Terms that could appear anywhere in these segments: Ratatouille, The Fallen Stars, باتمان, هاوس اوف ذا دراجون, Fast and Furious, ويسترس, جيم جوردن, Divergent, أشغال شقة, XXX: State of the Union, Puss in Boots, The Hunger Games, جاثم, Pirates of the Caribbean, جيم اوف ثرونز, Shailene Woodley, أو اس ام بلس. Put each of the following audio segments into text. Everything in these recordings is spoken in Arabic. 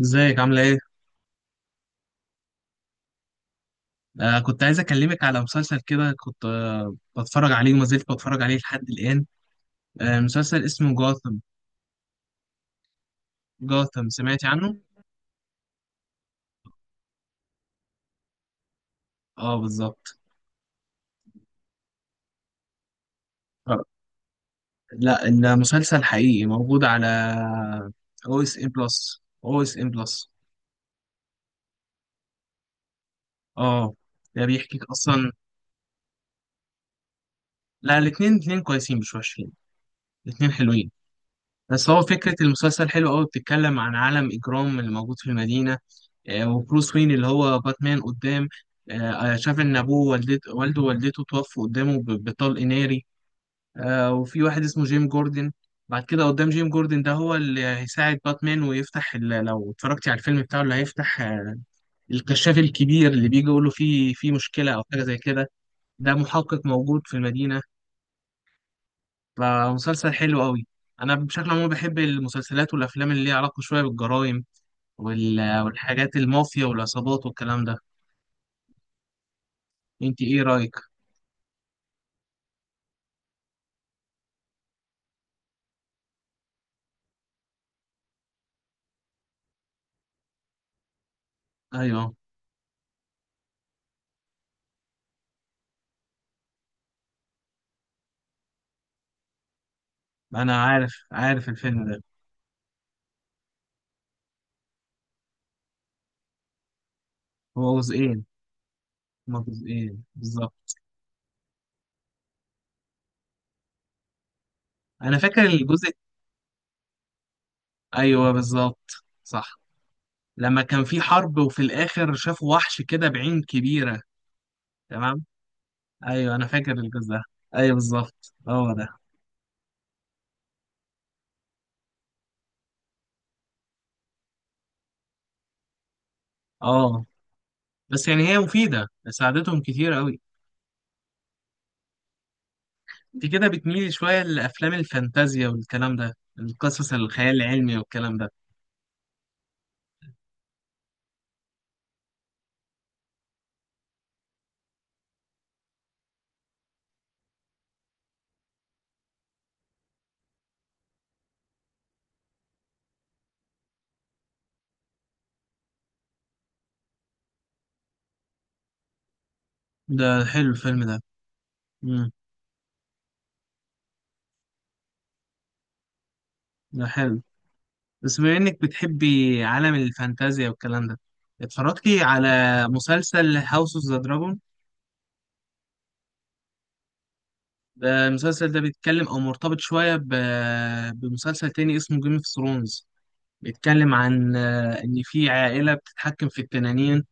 ازيك عاملة ايه؟ كنت عايز اكلمك على مسلسل كده كنت بتفرج عليه وما زلت بتفرج عليه لحد الآن. مسلسل اسمه جاثم. جاثم سمعتي عنه؟ اه بالظبط. آه لا المسلسل حقيقي موجود على او اس ام بلس او اس ام بلس. اه ده بيحكيك اصلا. لا الاتنين كويسين مش وحشين. الاتنين حلوين. بس هو فكرة المسلسل حلو قوي بتتكلم عن عالم إجرام اللي موجود في المدينة. وبروس وين اللي هو باتمان قدام. شاف ان ابوه والدته والده ووالدته توفوا قدامه بطلق ناري. وفي واحد اسمه جيم جوردن. بعد كده قدام جيم جوردن ده هو اللي هيساعد باتمان ويفتح لو اتفرجتي على الفيلم بتاعه اللي هيفتح الكشاف الكبير اللي بيجي يقول له في مشكلة او حاجة زي كده. ده محقق موجود في المدينة. فمسلسل حلو قوي. انا بشكل عام بحب المسلسلات والافلام اللي ليها علاقة شوية بالجرائم والحاجات المافيا والعصابات والكلام ده. انت ايه رأيك؟ ايوه، انا عارف عارف الفيلم ده. هو جزئين. هما جزئين بالظبط. انا فاكر الجزء. ايوه بالظبط. صح. لما كان في حرب وفي الاخر شافوا وحش كده بعين كبيره. تمام. ايوه انا فاكر الجزء ده. ايوه بالظبط هو ده. اه، بس يعني هي مفيده ساعدتهم كتير قوي. انت كده بتميلي شويه لافلام الفانتازيا والكلام ده. القصص الخيال العلمي والكلام ده. ده حلو الفيلم ده. امم، ده حلو. بس بما انك بتحبي عالم الفانتازيا والكلام ده، اتفرجتي على مسلسل هاوس اوف ذا دراجون؟ ده المسلسل ده بيتكلم او مرتبط شويه بمسلسل تاني اسمه جيم اوف ثرونز. بيتكلم عن ان في عائله بتتحكم في التنانين.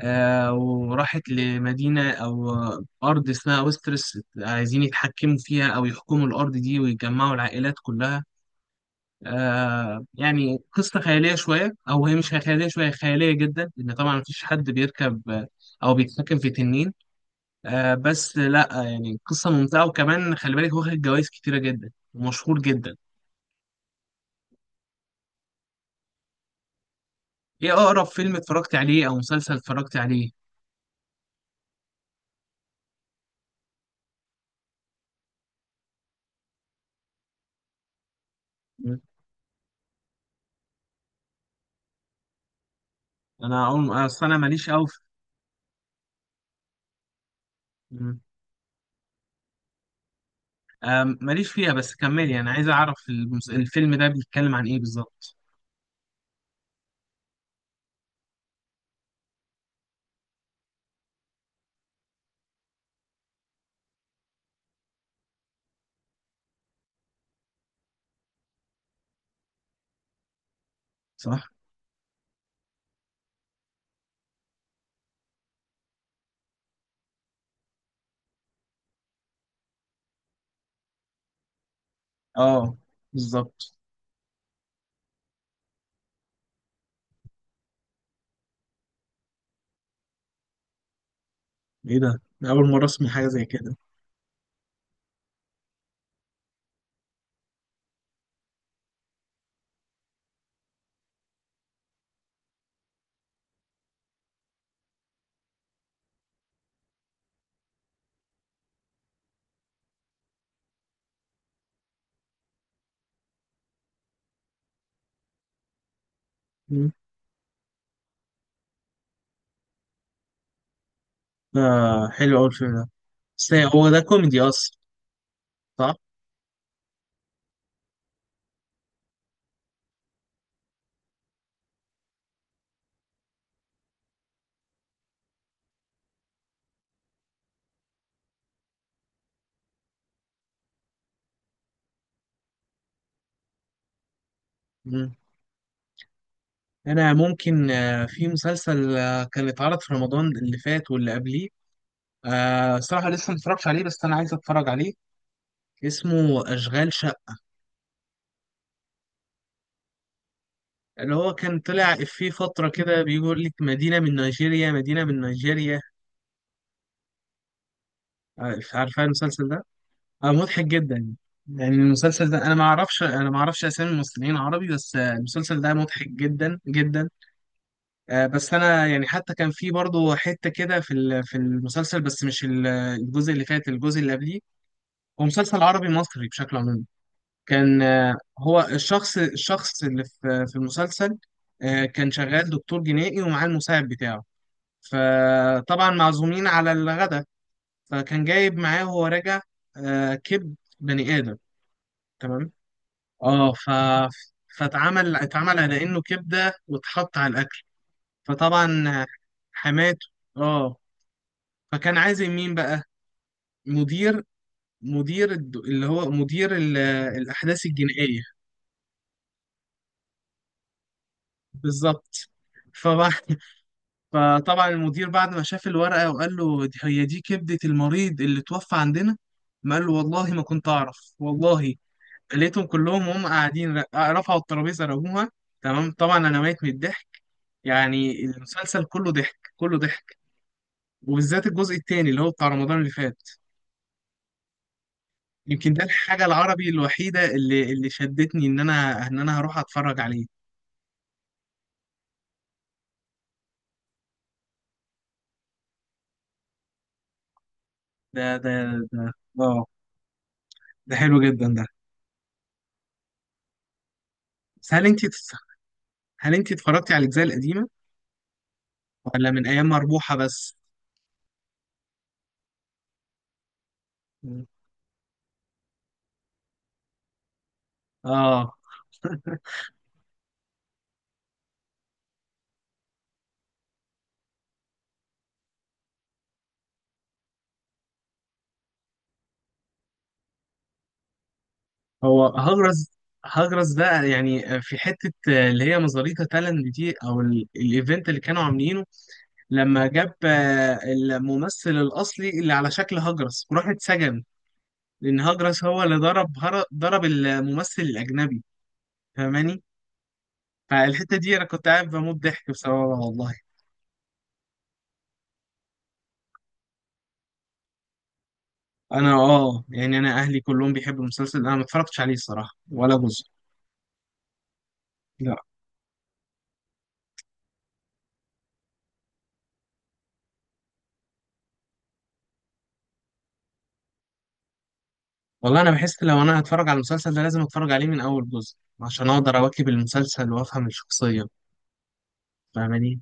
وراحت لمدينه او ارض اسمها ويسترس عايزين يتحكموا فيها او يحكموا الارض دي ويجمعوا العائلات كلها. آه يعني قصة خيالية شوية أو هي مش خيالية شوية خيالية جدا لأن طبعا مفيش حد بيركب أو بيتحكم في تنين. آه بس لأ يعني قصة ممتعة وكمان خلي بالك واخد جوايز كتيرة جدا ومشهور جدا. إيه أقرب فيلم اتفرجت عليه أو مسلسل اتفرجت عليه؟ مم. أنا أقول أصل أنا ماليش أوي في. مم. آه ماليش فيها، بس كملي أنا عايز أعرف الفيلم ده بيتكلم عن إيه بالظبط. صح؟ آه بالظبط. إيه ده؟ أنا أول مرة أسمع حاجة زي كده. آه حلو أوي الفيلم ده. بس هو ده كوميدي أصلا؟ صح؟ مم. أنا ممكن في مسلسل كان اتعرض في رمضان اللي فات واللي قبليه. آه صراحة لسه متفرجش عليه بس أنا عايز أتفرج عليه. اسمه أشغال شقة. اللي هو كان طلع في فترة كده بيقول لك مدينة من نيجيريا مدينة من نيجيريا. آه عارفة المسلسل ده؟ آه مضحك جدا. يعني المسلسل ده أنا ما أعرفش أسامي ممثلين عربي، بس آه المسلسل ده مضحك جدا جدا. بس انا يعني حتى كان في برضه حته كده في المسلسل، بس مش الجزء اللي فات الجزء اللي قبليه. هو مسلسل عربي مصري بشكل عام. كان هو الشخص اللي في المسلسل كان شغال دكتور جنائي ومعاه المساعد بتاعه. فطبعا معزومين على الغداء. فكان جايب معاه وهو راجع كبد بني ادم. تمام. اه فاتعمل على انه كبده واتحط على الاكل. فطبعا حماته. اه. فكان عازم مين بقى؟ مدير. اللي هو مدير الأحداث الجنائية. بالظبط. فبعد فطبعا المدير بعد ما شاف الورقة وقال له هي دي كبدة المريض اللي توفى عندنا. ما قال له والله ما كنت أعرف والله. لقيتهم كلهم وهم قاعدين، رفعوا الترابيزة رموها. تمام طبعا أنا ميت من الضحك. يعني المسلسل كله ضحك كله ضحك. وبالذات الجزء التاني اللي هو بتاع رمضان اللي فات. يمكن ده الحاجة العربي الوحيدة اللي شدتني إن أنا هروح أتفرج عليه. ده ده ده آه ده حلو جدا ده. بس هل أنت اتفرجتي على الأجزاء القديمة ولا من أيام مربوحة بس؟ آه هو هجرس. هجرس ده يعني في حتة اللي هي مزاريطة تالنت دي أو الإيفنت اللي كانوا عاملينه. لما جاب الممثل الأصلي اللي على شكل هجرس وراح اتسجن، لأن هجرس هو اللي ضرب ضرب الممثل الأجنبي. فاهماني؟ فالحتة دي انا كنت قاعد بموت ضحك بسببها والله. انا اه يعني انا اهلي كلهم بيحبوا المسلسل، انا ما اتفرجتش عليه الصراحة ولا جزء. لا والله انا بحس لو انا هتفرج على المسلسل ده لازم اتفرج عليه من اول جزء عشان اقدر اواكب المسلسل وافهم الشخصية. فاهماني؟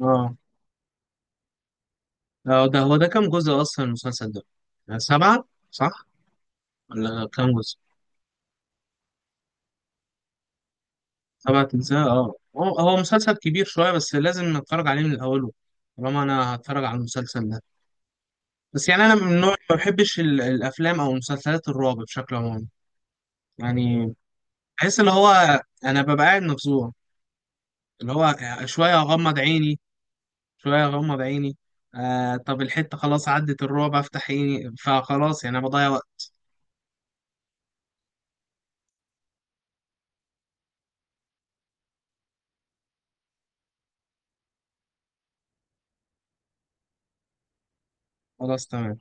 اه. ده هو ده كام جزء اصلا المسلسل ده؟ سبعة. صح. ولا كام جزء. سبعة اجزاء. اه هو مسلسل كبير شوية، بس لازم اتفرج عليه من الاول طالما انا هتفرج على المسلسل ده. بس يعني انا من النوع اللي ما بحبش الافلام او مسلسلات الرعب بشكل عام. يعني بحس اللي هو انا ببقى قاعد مفزوع، اللي هو شويه اغمض عيني شويه اغمض عيني. آه طب الحته خلاص عدت الرعب افتح عيني فخلاص يعني انا بضيع وقت. خلاص تمام.